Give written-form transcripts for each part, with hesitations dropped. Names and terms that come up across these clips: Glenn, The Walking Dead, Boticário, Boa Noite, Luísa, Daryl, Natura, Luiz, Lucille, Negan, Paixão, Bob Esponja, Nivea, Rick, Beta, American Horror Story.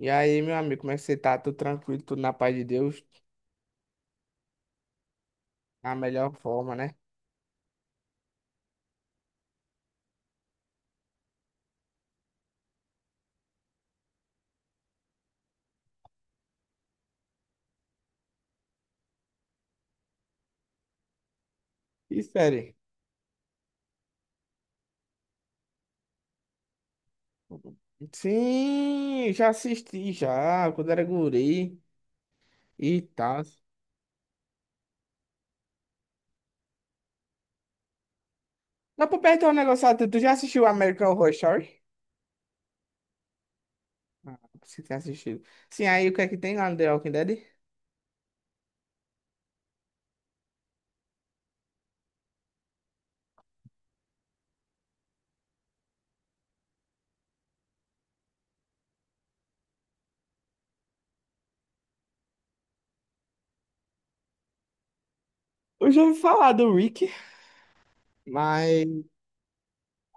E aí, meu amigo, como é que você tá? Tudo tranquilo, tudo na paz de Deus? A melhor forma, né? E série? Sim, já assisti já, quando era guri e tal. Não, pra perguntar um negócio, tu já assistiu American Horror Story? Ah, você tem assistido. Sim, aí o que é que tem lá no The Walking Dead? Eu já ouvi falar do Rick. Mas,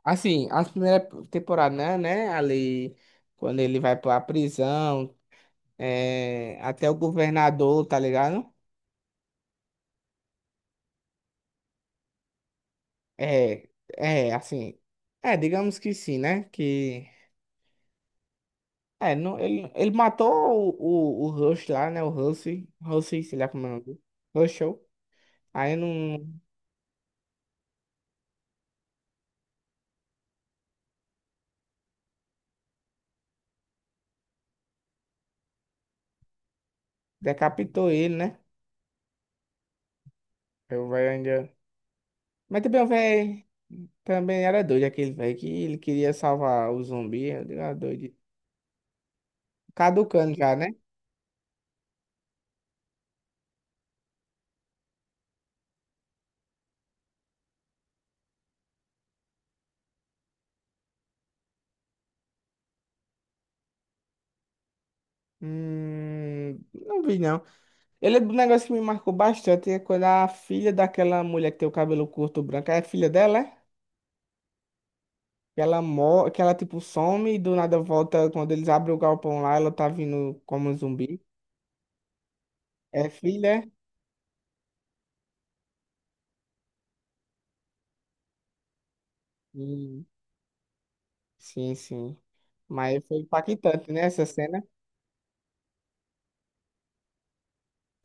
assim, a primeira temporada, né? Ali, quando ele vai pra prisão, é, até o governador, tá ligado? É, é, assim. É, digamos que sim, né? Que. É, não, ele matou o Rush lá, né? O Rush. Rush, sei lá como é o nome dele. Rushou. Aí não decapitou ele, né? Aí o velho ainda. Mas também o velho também era doido, aquele velho que ele queria salvar o zumbi. Eu digo, ah, doido. Caducando já, né? Não vi, não. Ele é um negócio que me marcou bastante é quando a filha daquela mulher que tem o cabelo curto branco, é a filha dela, é? Que ela morre, que ela tipo some e do nada volta quando eles abrem o galpão lá, ela tá vindo como um zumbi. É filha? Sim, sim, sim. Mas foi impactante, né, essa cena?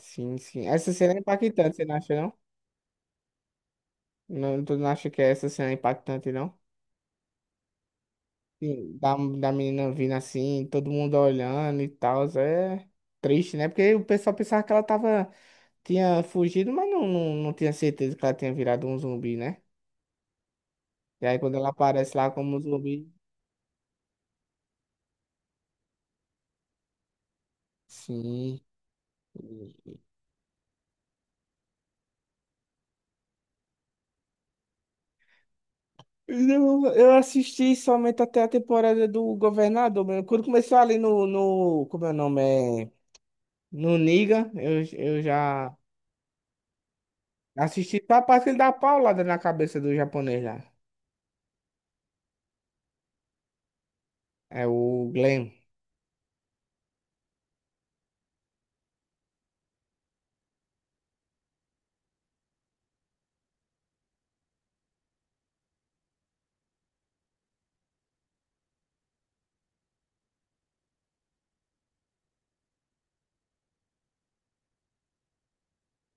Sim, sim. Essa cena é impactante, você não acha, não? Não, tu não acha que essa cena é impactante, não? Sim, da menina vindo assim, todo mundo olhando e tal, é triste, né? Porque o pessoal pensava que ela tava, tinha fugido, mas não, não, não tinha certeza que ela tinha virado um zumbi, né? E aí quando ela aparece lá como um zumbi, sim. Eu assisti somente até a temporada do Governador mesmo. Quando começou ali no, como é o nome? É, no Niga, eu já assisti só a parte que ele dá a paulada na cabeça do japonês lá. É o Glenn.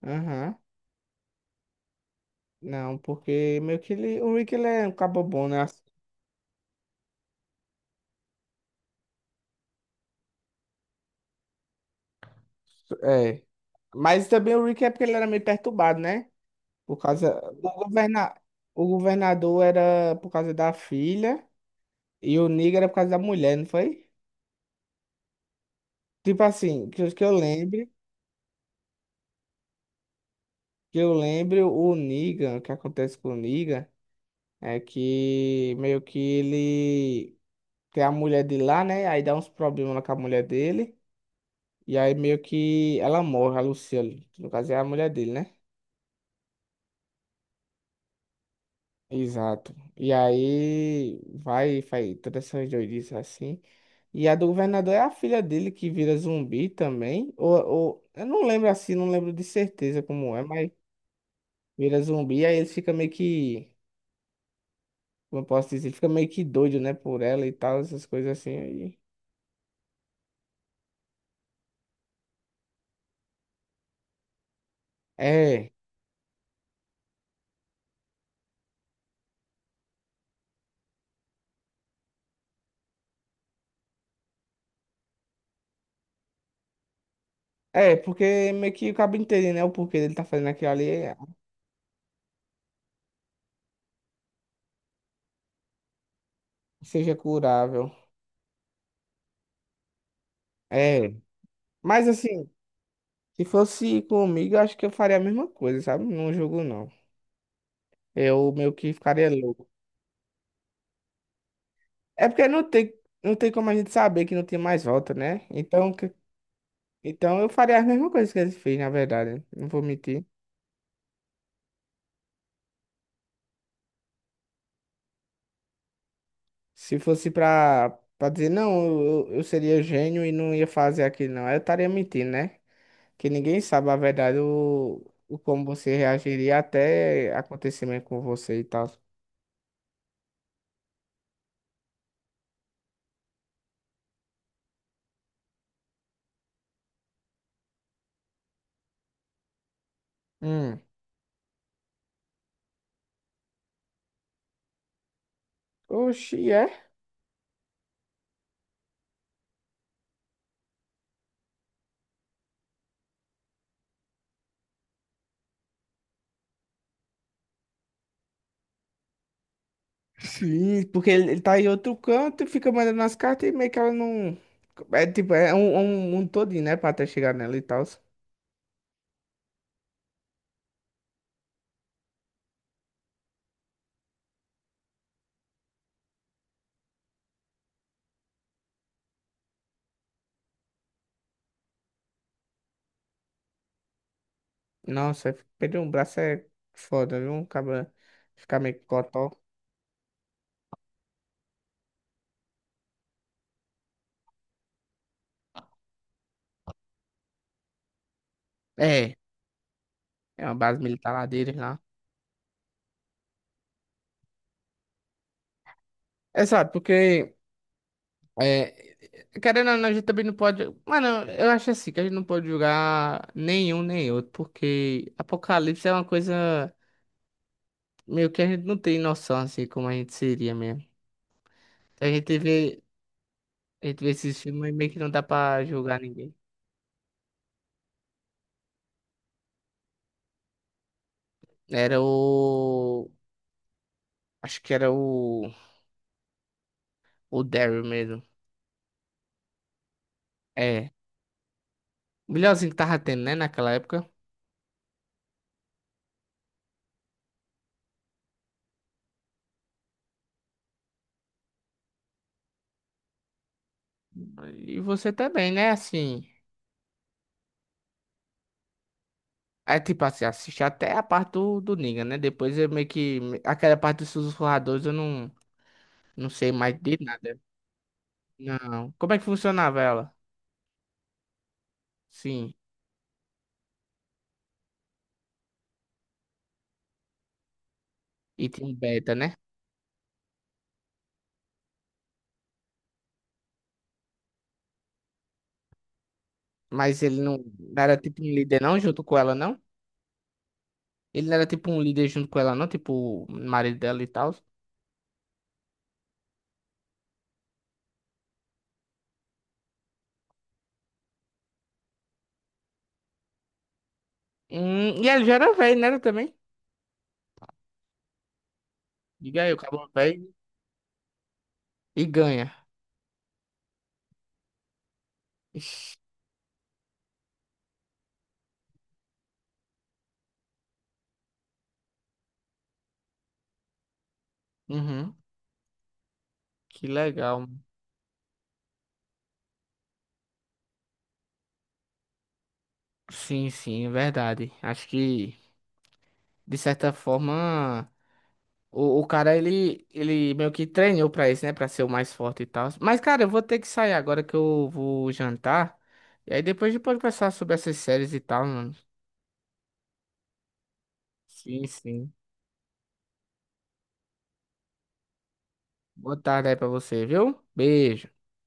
Aham. Não, porque meio que ele, o Rick, ele é um cabo bom, né? É. Mas também o Rick é porque ele era meio perturbado, né? Por causa. O governa... O governador era por causa da filha e o Niga era por causa da mulher, não foi? Tipo assim, que eu lembre, que eu lembre, o Negan, o que acontece com o Negan, é que meio que ele tem a mulher de lá, né? Aí dá uns problemas lá com a mulher dele, e aí meio que ela morre, a Lucille, que no caso é a mulher dele, né? Exato. E aí vai, faz todas essas doidices assim. E a do governador é a filha dele que vira zumbi também, ou eu não lembro assim, não lembro de certeza como é, mas vira zumbi, aí ele fica meio que, como eu posso dizer, fica meio que doido, né, por ela e tal, essas coisas assim. Aí. É, é, porque meio que acaba entendendo, né, o porquê dele tá fazendo aquilo ali, é, seja curável. É, mas assim, se fosse comigo, eu acho que eu faria a mesma coisa, sabe? Não jogo não. Eu meio que ficaria louco. É porque não tem, não tem como a gente saber que não tem mais volta, né? Então, que-, então eu faria a mesma coisa que ele fez, na verdade, não vou mentir. Se fosse pra, pra dizer, não, eu seria gênio e não ia fazer aquilo, não. Eu estaria mentindo, né? Que ninguém sabe a verdade, o como você reagiria até acontecimento com você e tal. Hum. Oxi, é? Sim, porque ele tá em outro canto e fica mandando as cartas e meio que ela não. É tipo, é um todinho, né? Pra até chegar nela e tal. Nossa, perder um braço é foda, viu? Acaba ficar meio que cotó. É, é uma base militar lá dele lá. Exato, porque é, querendo ou não, a gente também não pode. Mano, eu acho assim que a gente não pode julgar nenhum nem outro, porque Apocalipse é uma coisa meio que a gente não tem noção assim como a gente seria mesmo. A gente vê, a gente vê esses filmes e meio que não dá pra julgar ninguém. Era o. Acho que era o. O Daryl mesmo. É. O melhorzinho que tava tendo, né, naquela época. E você também, né, assim. É tipo assim, assisti até a parte do Negan, né? Depois eu meio que. Aquela parte dos sussurradores eu não, não sei mais de nada. Não. Como é que funcionava ela? Sim. E tinha um beta, né? Mas ele não, não era tipo um líder, não, junto com ela, não? Ele não era tipo um líder junto com ela, não? Tipo, o marido dela e tal. E ele já era velho, né, também? Diga aí, o cabo velho e ganha. Ixi. Uhum. Que legal. Sim, sim, é verdade. Acho que, de certa forma. O cara, ele meio que treinou pra isso, né? Pra ser o mais forte e tal. Mas, cara, eu vou ter que sair agora que eu vou jantar. E aí depois a gente pode conversar sobre essas séries e tal, mano. Sim, sim. Boa tarde aí pra você, viu? Beijo.